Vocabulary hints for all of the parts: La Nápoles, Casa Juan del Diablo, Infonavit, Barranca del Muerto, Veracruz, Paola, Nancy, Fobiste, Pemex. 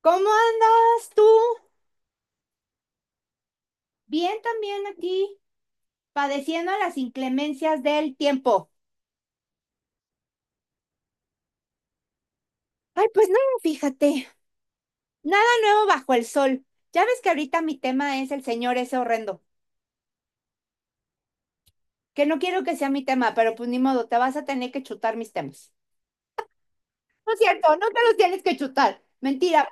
¿Cómo andas tú? Bien también aquí, padeciendo las inclemencias del tiempo. Ay, pues nada, fíjate, nada nuevo bajo el sol. Ya ves que ahorita mi tema es el señor ese horrendo, que no quiero que sea mi tema, pero pues ni modo, te vas a tener que chutar mis temas. No es cierto, no te los tienes que chutar. Mentira,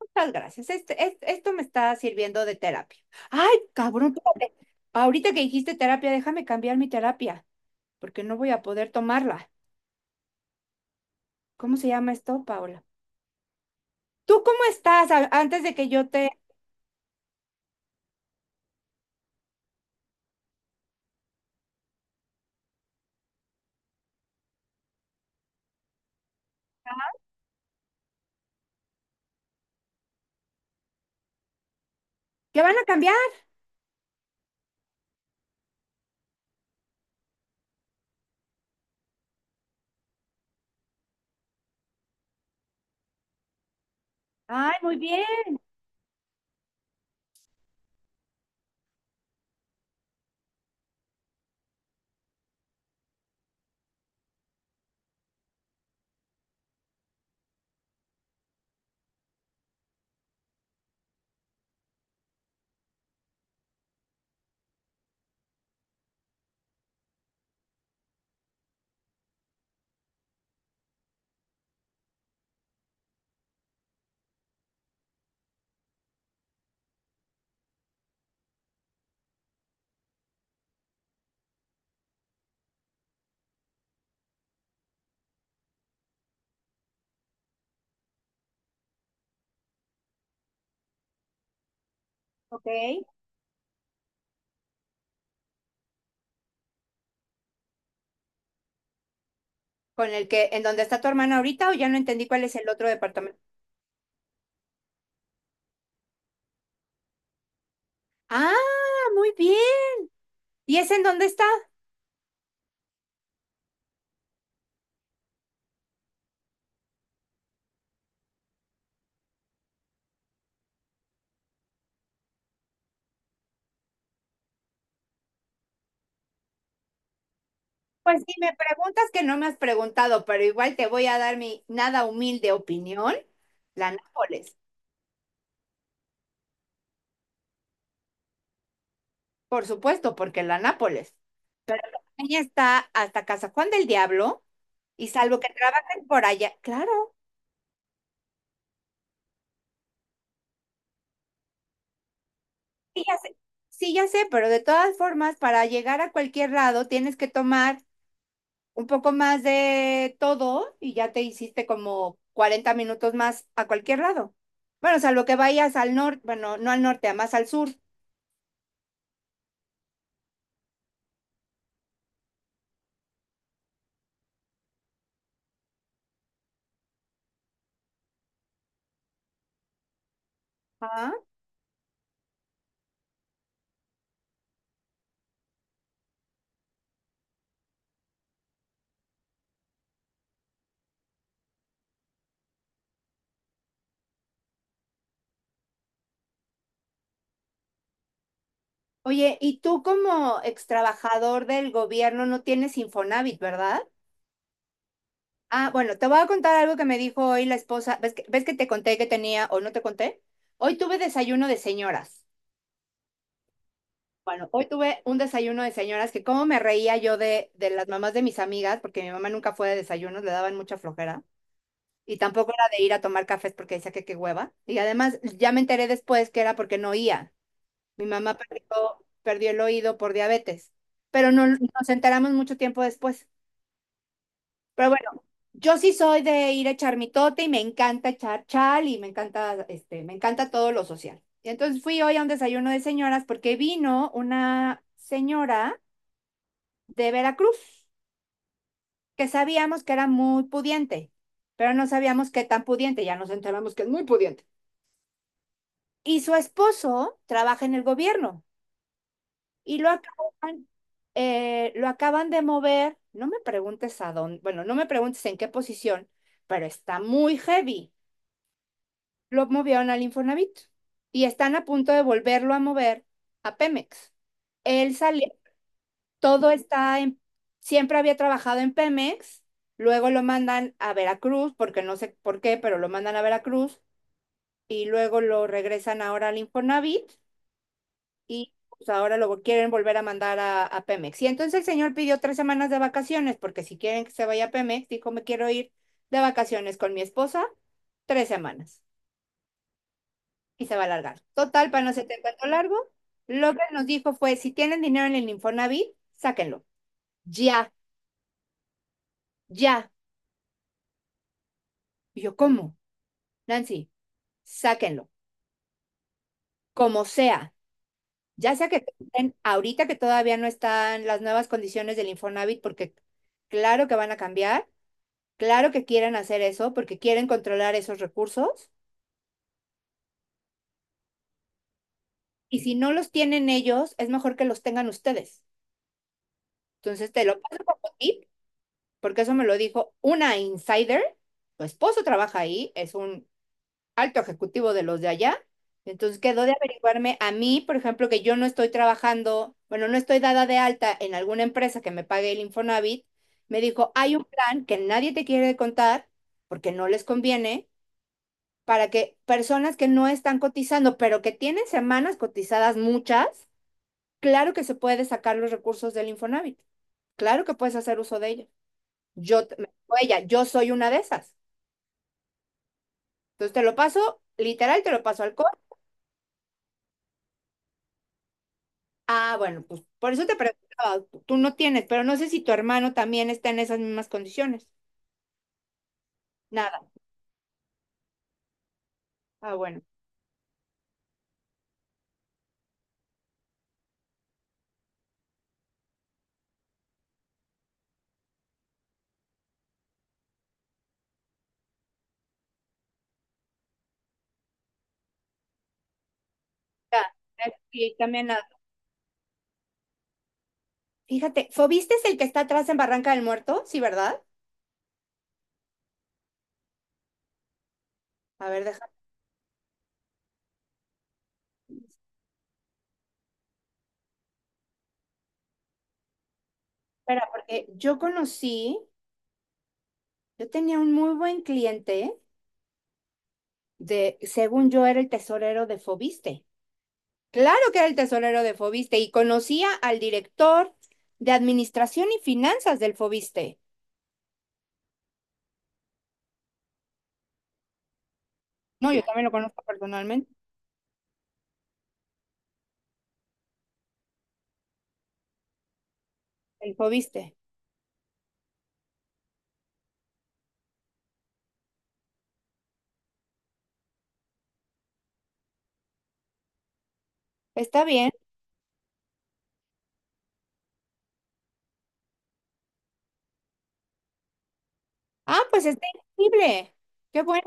muchas gracias. Esto me está sirviendo de terapia. Ay, cabrón, espérate. Ahorita que dijiste terapia, déjame cambiar mi terapia, porque no voy a poder tomarla. ¿Cómo se llama esto, Paola? ¿Tú cómo estás antes de que yo te... ¿Qué van a cambiar? Ay, muy bien. Ok. ¿Con el que, en donde está tu hermana ahorita o ya no entendí cuál es el otro departamento? Ah, muy bien. ¿Y ese en dónde está? Pues si me preguntas que no me has preguntado, pero igual te voy a dar mi nada humilde opinión. La Nápoles, por supuesto, porque la Nápoles. Pero la niña está hasta Casa Juan del Diablo y salvo que trabajen por allá, claro. Sí, ya sé, sí, ya sé, pero de todas formas, para llegar a cualquier lado tienes que tomar un poco más de todo y ya te hiciste como 40 minutos más a cualquier lado. Bueno, salvo que vayas al norte, bueno, no al norte, a más al sur. Ah. Oye, y tú como ex trabajador del gobierno no tienes Infonavit, ¿verdad? Ah, bueno, te voy a contar algo que me dijo hoy la esposa. Ves que te conté que tenía o no te conté? Hoy tuve desayuno de señoras. Bueno, hoy tuve un desayuno de señoras que cómo me reía yo de las mamás de mis amigas, porque mi mamá nunca fue de desayunos, le daban mucha flojera. Y tampoco era de ir a tomar cafés porque decía que qué hueva. Y además ya me enteré después que era porque no oía. Mi mamá perdió, perdió el oído por diabetes, pero no nos enteramos mucho tiempo después. Pero bueno, yo sí soy de ir a echar mitote y me encanta echar chal y me encanta, me encanta todo lo social. Y entonces fui hoy a un desayuno de señoras porque vino una señora de Veracruz, que sabíamos que era muy pudiente, pero no sabíamos qué tan pudiente, ya nos enteramos que es muy pudiente. Y su esposo trabaja en el gobierno y lo acaban de mover, no me preguntes a dónde, bueno, no me preguntes en qué posición, pero está muy heavy. Lo movieron al Infonavit y están a punto de volverlo a mover a Pemex. Él salió todo está en, siempre había trabajado en Pemex, luego lo mandan a Veracruz, porque no sé por qué, pero lo mandan a Veracruz y luego lo regresan ahora al Infonavit y pues, ahora lo quieren volver a mandar a Pemex. Y entonces el señor pidió 3 semanas de vacaciones, porque si quieren que se vaya a Pemex, dijo, me quiero ir de vacaciones con mi esposa, 3 semanas y se va a alargar. Total, para no se te cuento largo, lo que nos dijo fue, si tienen dinero en el Infonavit, sáquenlo. Ya, ya. Y yo, ¿cómo? Nancy, sáquenlo, como sea. Ya sea que estén ahorita que todavía no están las nuevas condiciones del Infonavit, porque claro que van a cambiar, claro que quieren hacer eso, porque quieren controlar esos recursos. Y si no los tienen ellos, es mejor que los tengan ustedes. Entonces te lo paso como tip, porque eso me lo dijo una insider. Tu esposo trabaja ahí, es un alto ejecutivo de los de allá. Entonces quedó de averiguarme a mí, por ejemplo, que yo no estoy trabajando, bueno, no estoy dada de alta en alguna empresa que me pague el Infonavit. Me dijo, hay un plan que nadie te quiere contar porque no les conviene para que personas que no están cotizando, pero que tienen semanas cotizadas muchas, claro que se puede sacar los recursos del Infonavit. Claro que puedes hacer uso de ellos. Yo, ella, yo soy una de esas. Entonces te lo paso, literal, te lo paso al. Ah, bueno, pues por eso te preguntaba, tú no tienes, pero no sé si tu hermano también está en esas mismas condiciones. Nada. Ah, bueno. Ya, sí, también nada. Fíjate, ¿Fobiste es el que está atrás en Barranca del Muerto? Sí, ¿verdad? A ver, deja. Espera, porque yo conocí, yo tenía un muy buen cliente de, según yo, era el tesorero de Fobiste. Claro que era el tesorero de Fobiste y conocía al director de Administración y Finanzas del Fobiste. No, yo también lo conozco personalmente, el Fobiste. Está bien. Ah, pues está increíble. Qué bueno.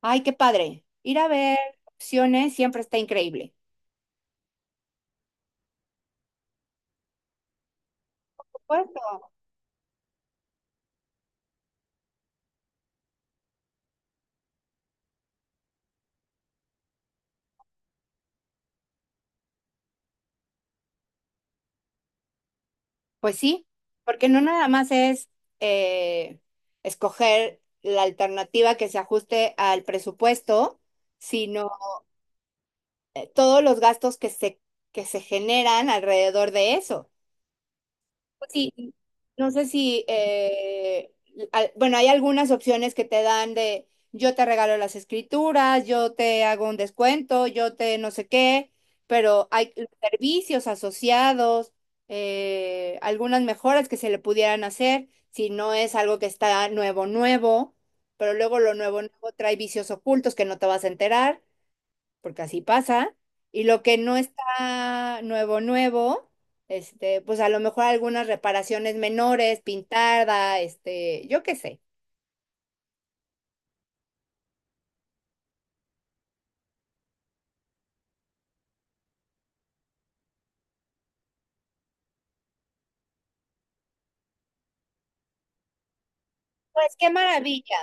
Ay, qué padre. Ir a ver opciones siempre está increíble. Por supuesto. Pues sí, porque no nada más es eh, escoger la alternativa que se ajuste al presupuesto, sino todos los gastos que se generan alrededor de eso. Pues sí, no sé si, bueno, hay algunas opciones que te dan de yo te regalo las escrituras, yo te hago un descuento, yo te no sé qué, pero hay servicios asociados, algunas mejoras que se le pudieran hacer si no es algo que está nuevo, nuevo, pero luego lo nuevo, nuevo trae vicios ocultos que no te vas a enterar porque así pasa, y lo que no está nuevo, nuevo, pues a lo mejor algunas reparaciones menores, pintada, yo qué sé. Pues qué maravilla.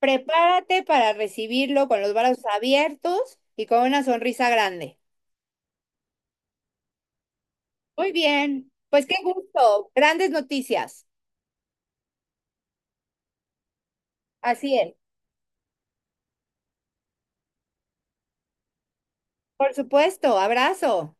Prepárate para recibirlo con los brazos abiertos y con una sonrisa grande. Muy bien, pues qué gusto, grandes noticias. Así es. Por supuesto, abrazo.